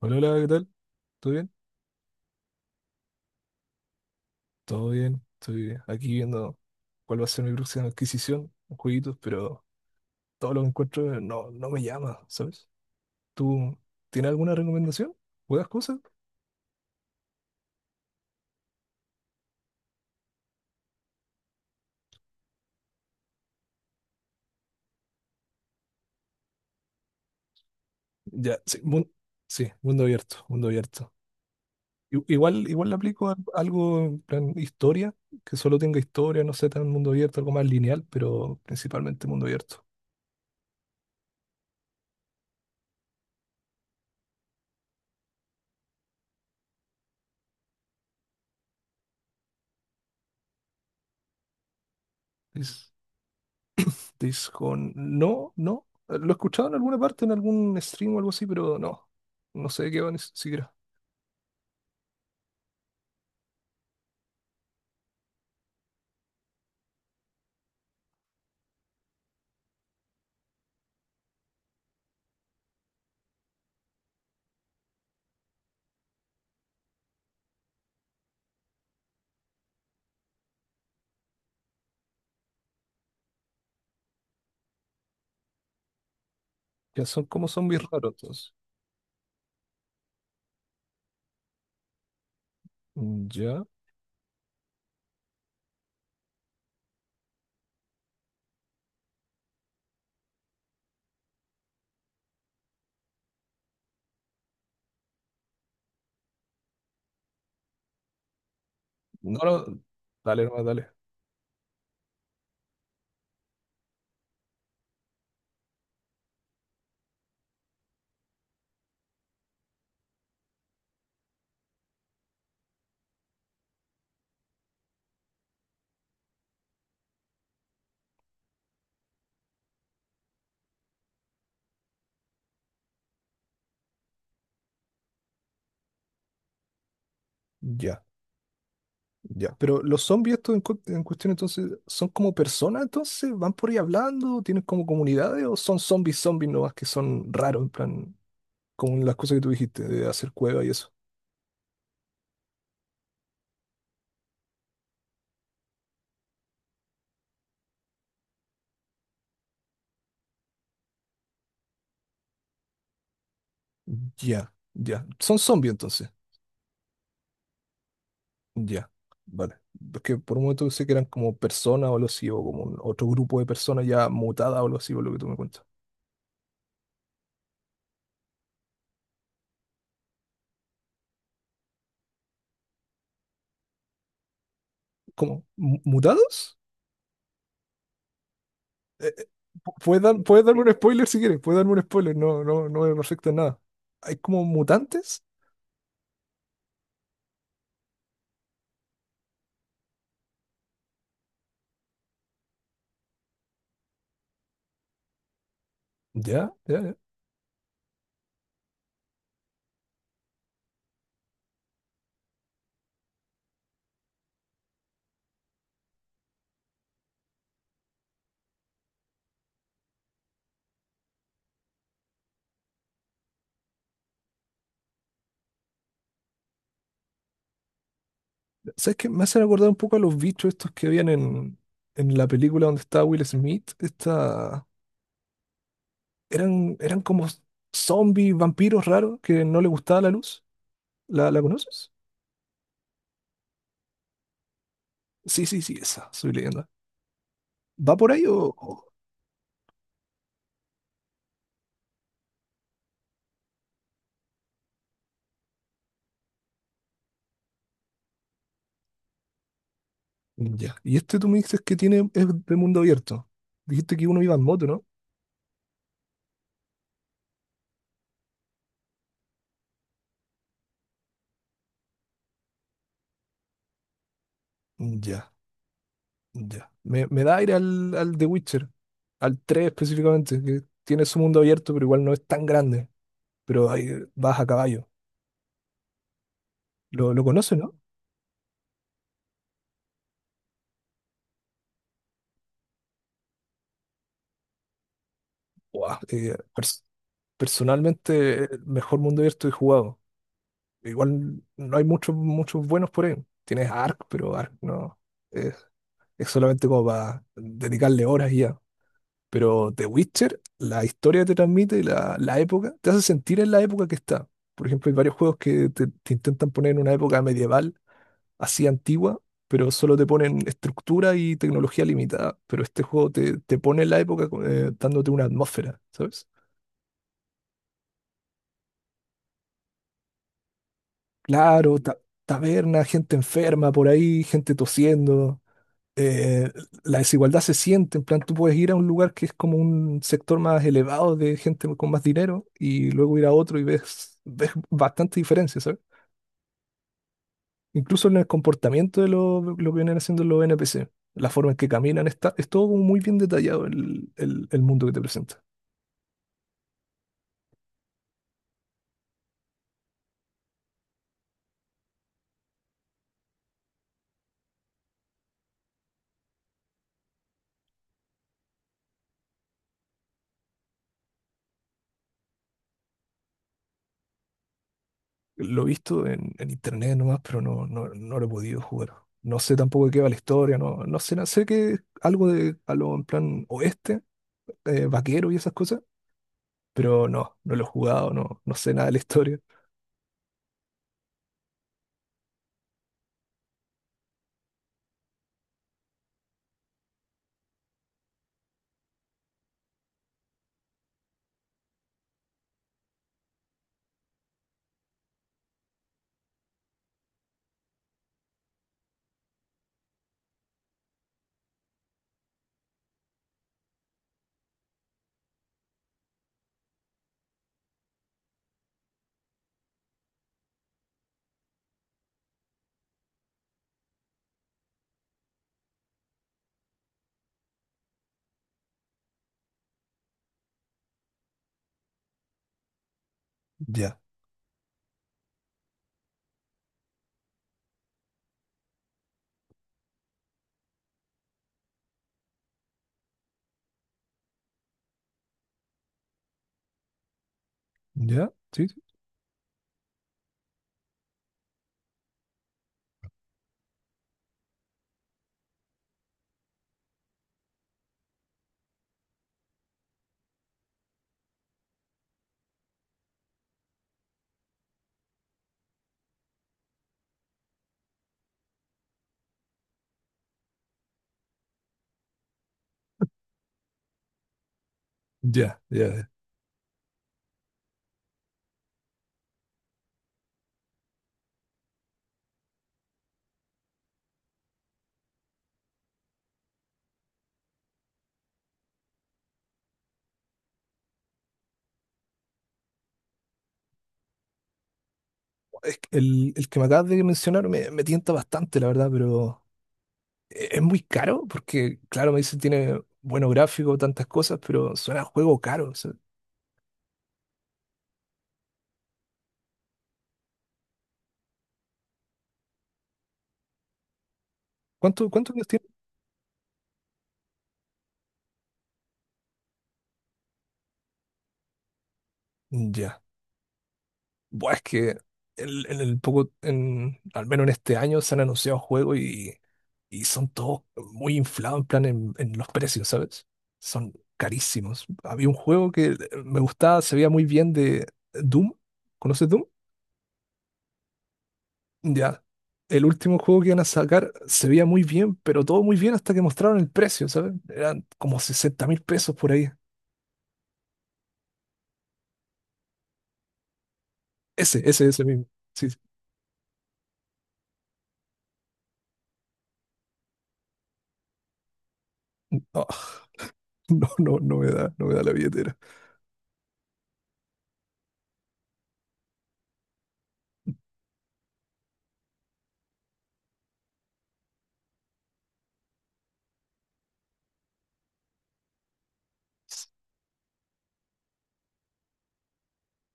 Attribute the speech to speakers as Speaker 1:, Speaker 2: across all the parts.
Speaker 1: Hola, hola, ¿qué tal? ¿Todo bien? Todo bien. Estoy aquí viendo cuál va a ser mi próxima adquisición, jueguitos, pero todo lo que encuentro no me llama, ¿sabes? ¿Tú tienes alguna recomendación? ¿Juegas cosas? Ya, sí, sí, mundo abierto, mundo abierto. Igual, igual le aplico algo en plan historia, que solo tenga historia, no sé, tan mundo abierto, algo más lineal, pero principalmente mundo abierto. Es. Dishonored. No, no. Lo he escuchado en alguna parte, en algún stream o algo así, pero no. No sé de qué va ni siquiera. Ya son como zombies raros, entonces. Mm, ya. No, no. Dale, nomás, dale. Ya, ya. Pero los zombies estos en, en cuestión, entonces, ¿son como personas, entonces? ¿Van por ahí hablando? ¿Tienen como comunidades? ¿O son zombies, zombies nomás que son raros, en plan, como las cosas que tú dijiste, de hacer cueva y eso? Ya, ya. Son zombies, entonces. Ya, vale. Es que por un momento pensé que eran como personas o algo así, o como otro grupo de personas ya mutadas o algo así, por lo que tú me cuentas. ¿Cómo? ¿Mutados? Eh, eh, ¿Puedes puedes darme un spoiler si quieres? ¿Puedes darme un spoiler? No, no, no me afecta en nada. ¿Hay como mutantes? Ya, ya, ya. ¿Sabes qué? Me hacen acordar un poco a los bichos estos que habían en la película donde estaba Will Smith. Esta... Eran, eran como zombies, vampiros raros que no les gustaba la luz. ¿La, la conoces? Sí, sí, sí, esa. Soy leyenda. ¿Va por ahí o...? Ya. Y este tú me dices que tiene, es de mundo abierto. Dijiste que uno iba en moto, ¿no? Ya, ya. Me da aire al, al The Witcher, al 3 específicamente, que tiene su mundo abierto, pero igual no es tan grande. Pero ahí vas a caballo. Lo conoces, ¿no? Buah, personalmente, el mejor mundo abierto que he jugado. Igual no hay muchos muchos buenos por ahí. Tienes Ark, pero Ark no. Es, es solamente como para dedicarle horas y ya. Pero The Witcher, la historia te transmite, la época, te hace sentir en la época que está. Por ejemplo, hay varios juegos que te intentan poner en una época medieval, así antigua, pero solo te ponen estructura y tecnología limitada. Pero este juego te, te pone en la época dándote una atmósfera, ¿sabes? Claro, taberna, gente enferma por ahí, gente tosiendo, eh, la desigualdad se siente, en plan, tú puedes ir a un lugar que es como un sector más elevado de gente con más dinero y luego ir a otro y ves, ves bastante diferencia, ¿sabes? Incluso en el comportamiento de lo que vienen haciendo los NPC, la forma en que caminan, está, es todo como muy bien detallado el, el mundo que te presenta. Lo he visto en internet nomás, pero no, no, no lo he podido jugar. No sé tampoco de qué va la historia, no, no sé, no sé que algo de, a lo en plan oeste, vaquero y esas cosas pero no, no lo he jugado, no, no sé nada de la historia. Ya, ya, sí, sí, ya, ya. Ya. Es que el que me acabas de mencionar me, me tienta bastante, la verdad, pero es muy caro porque, claro, me dicen tiene buenos gráficos, tantas cosas, pero suena a juego caro. O sea, ¿cuánto, cuántos años tiene? Ya, buah, es que el, en el poco, en, al menos en este año se han anunciado juegos y son todos muy inflados en plan en los precios, ¿sabes? Son carísimos. Había un juego que me gustaba, se veía muy bien de Doom. ¿Conoces Doom? Ya. El último juego que iban a sacar se veía muy bien, pero todo muy bien hasta que mostraron el precio, ¿sabes? Eran como 60.000 pesos por ahí. Ese mismo. Sí, sí. Ah, no, no, no me da, no me da la billetera.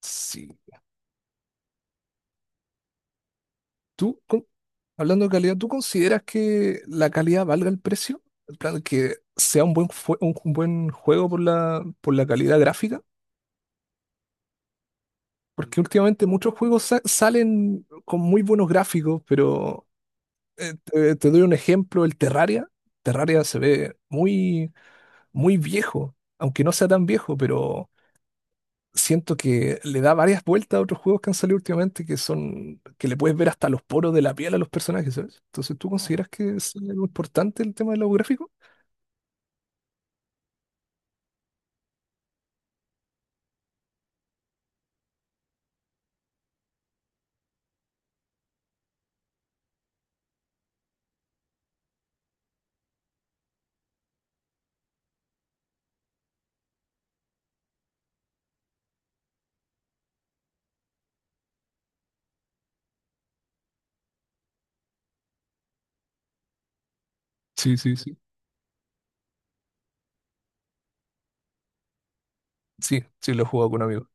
Speaker 1: Sí. ¿Tú? Hablando de calidad, ¿tú consideras que la calidad valga el precio? En plan, que sea un buen, un buen juego por la calidad gráfica. Porque últimamente muchos juegos salen con muy buenos gráficos, pero te, te doy un ejemplo, el Terraria. Terraria se ve muy, muy viejo, aunque no sea tan viejo, pero siento que le da varias vueltas a otros juegos que han salido últimamente que son, que le puedes ver hasta los poros de la piel a los personajes, ¿sabes? Entonces, ¿tú consideras que es algo importante el tema de los gráficos? Sí, sí, sí. Sí, sí, lo he jugado con amigos.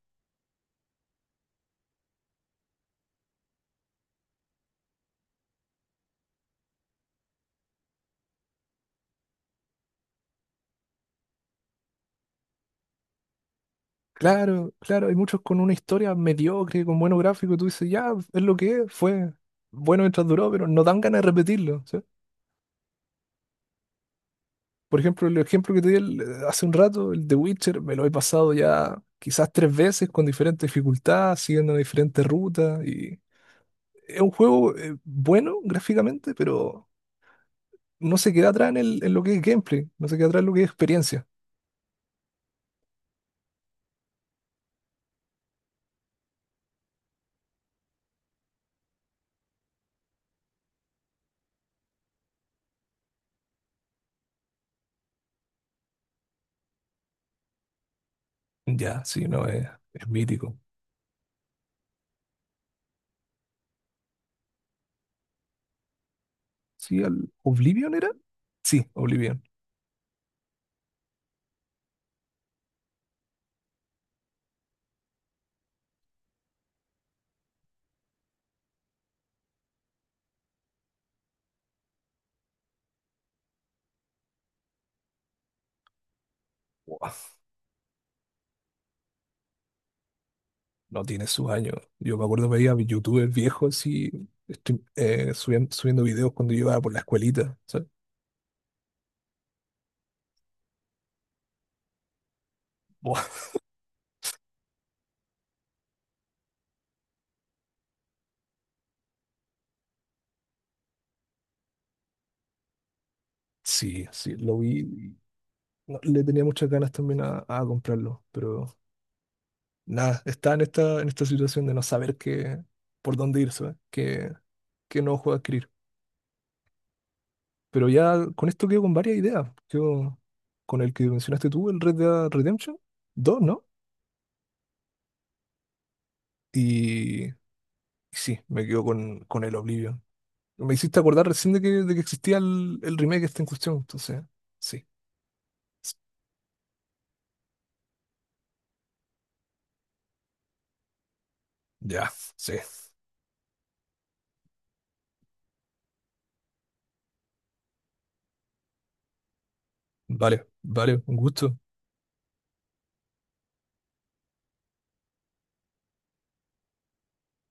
Speaker 1: Claro, claro, hay muchos con una historia mediocre, con buenos gráficos, y tú dices, ya, es lo que es, fue bueno mientras duró, pero no dan ganas de repetirlo, ¿sí? Por ejemplo, el ejemplo que te di hace un rato, el de Witcher, me lo he pasado ya quizás tres veces con diferentes dificultades, siguiendo diferentes rutas, y es un juego bueno gráficamente, pero no se queda atrás en, en lo que es gameplay, no se queda atrás en lo que es experiencia. Ya, sí, no, es mítico. Sí, al Oblivion era. Sí, Oblivion. Buah, no tiene sus años. Yo me acuerdo veía youtubers viejos así, estoy, subiendo, subiendo videos cuando yo iba por la escuelita. ¿Sabes? Buah, sí, sí, lo vi. Y le tenía muchas ganas también a comprarlo, pero nada, está en esta situación de no saber qué, por dónde ir, ¿sabes? Qué, qué nuevo juego adquirir. Pero ya con esto quedo con varias ideas. Yo, con el que mencionaste tú, el Red Dead Redemption 2, ¿no? Y sí, me quedo con el Oblivion. Me hiciste acordar recién de que existía el remake este en cuestión, entonces, sí. Ya, sí. Vale, vale, un gusto.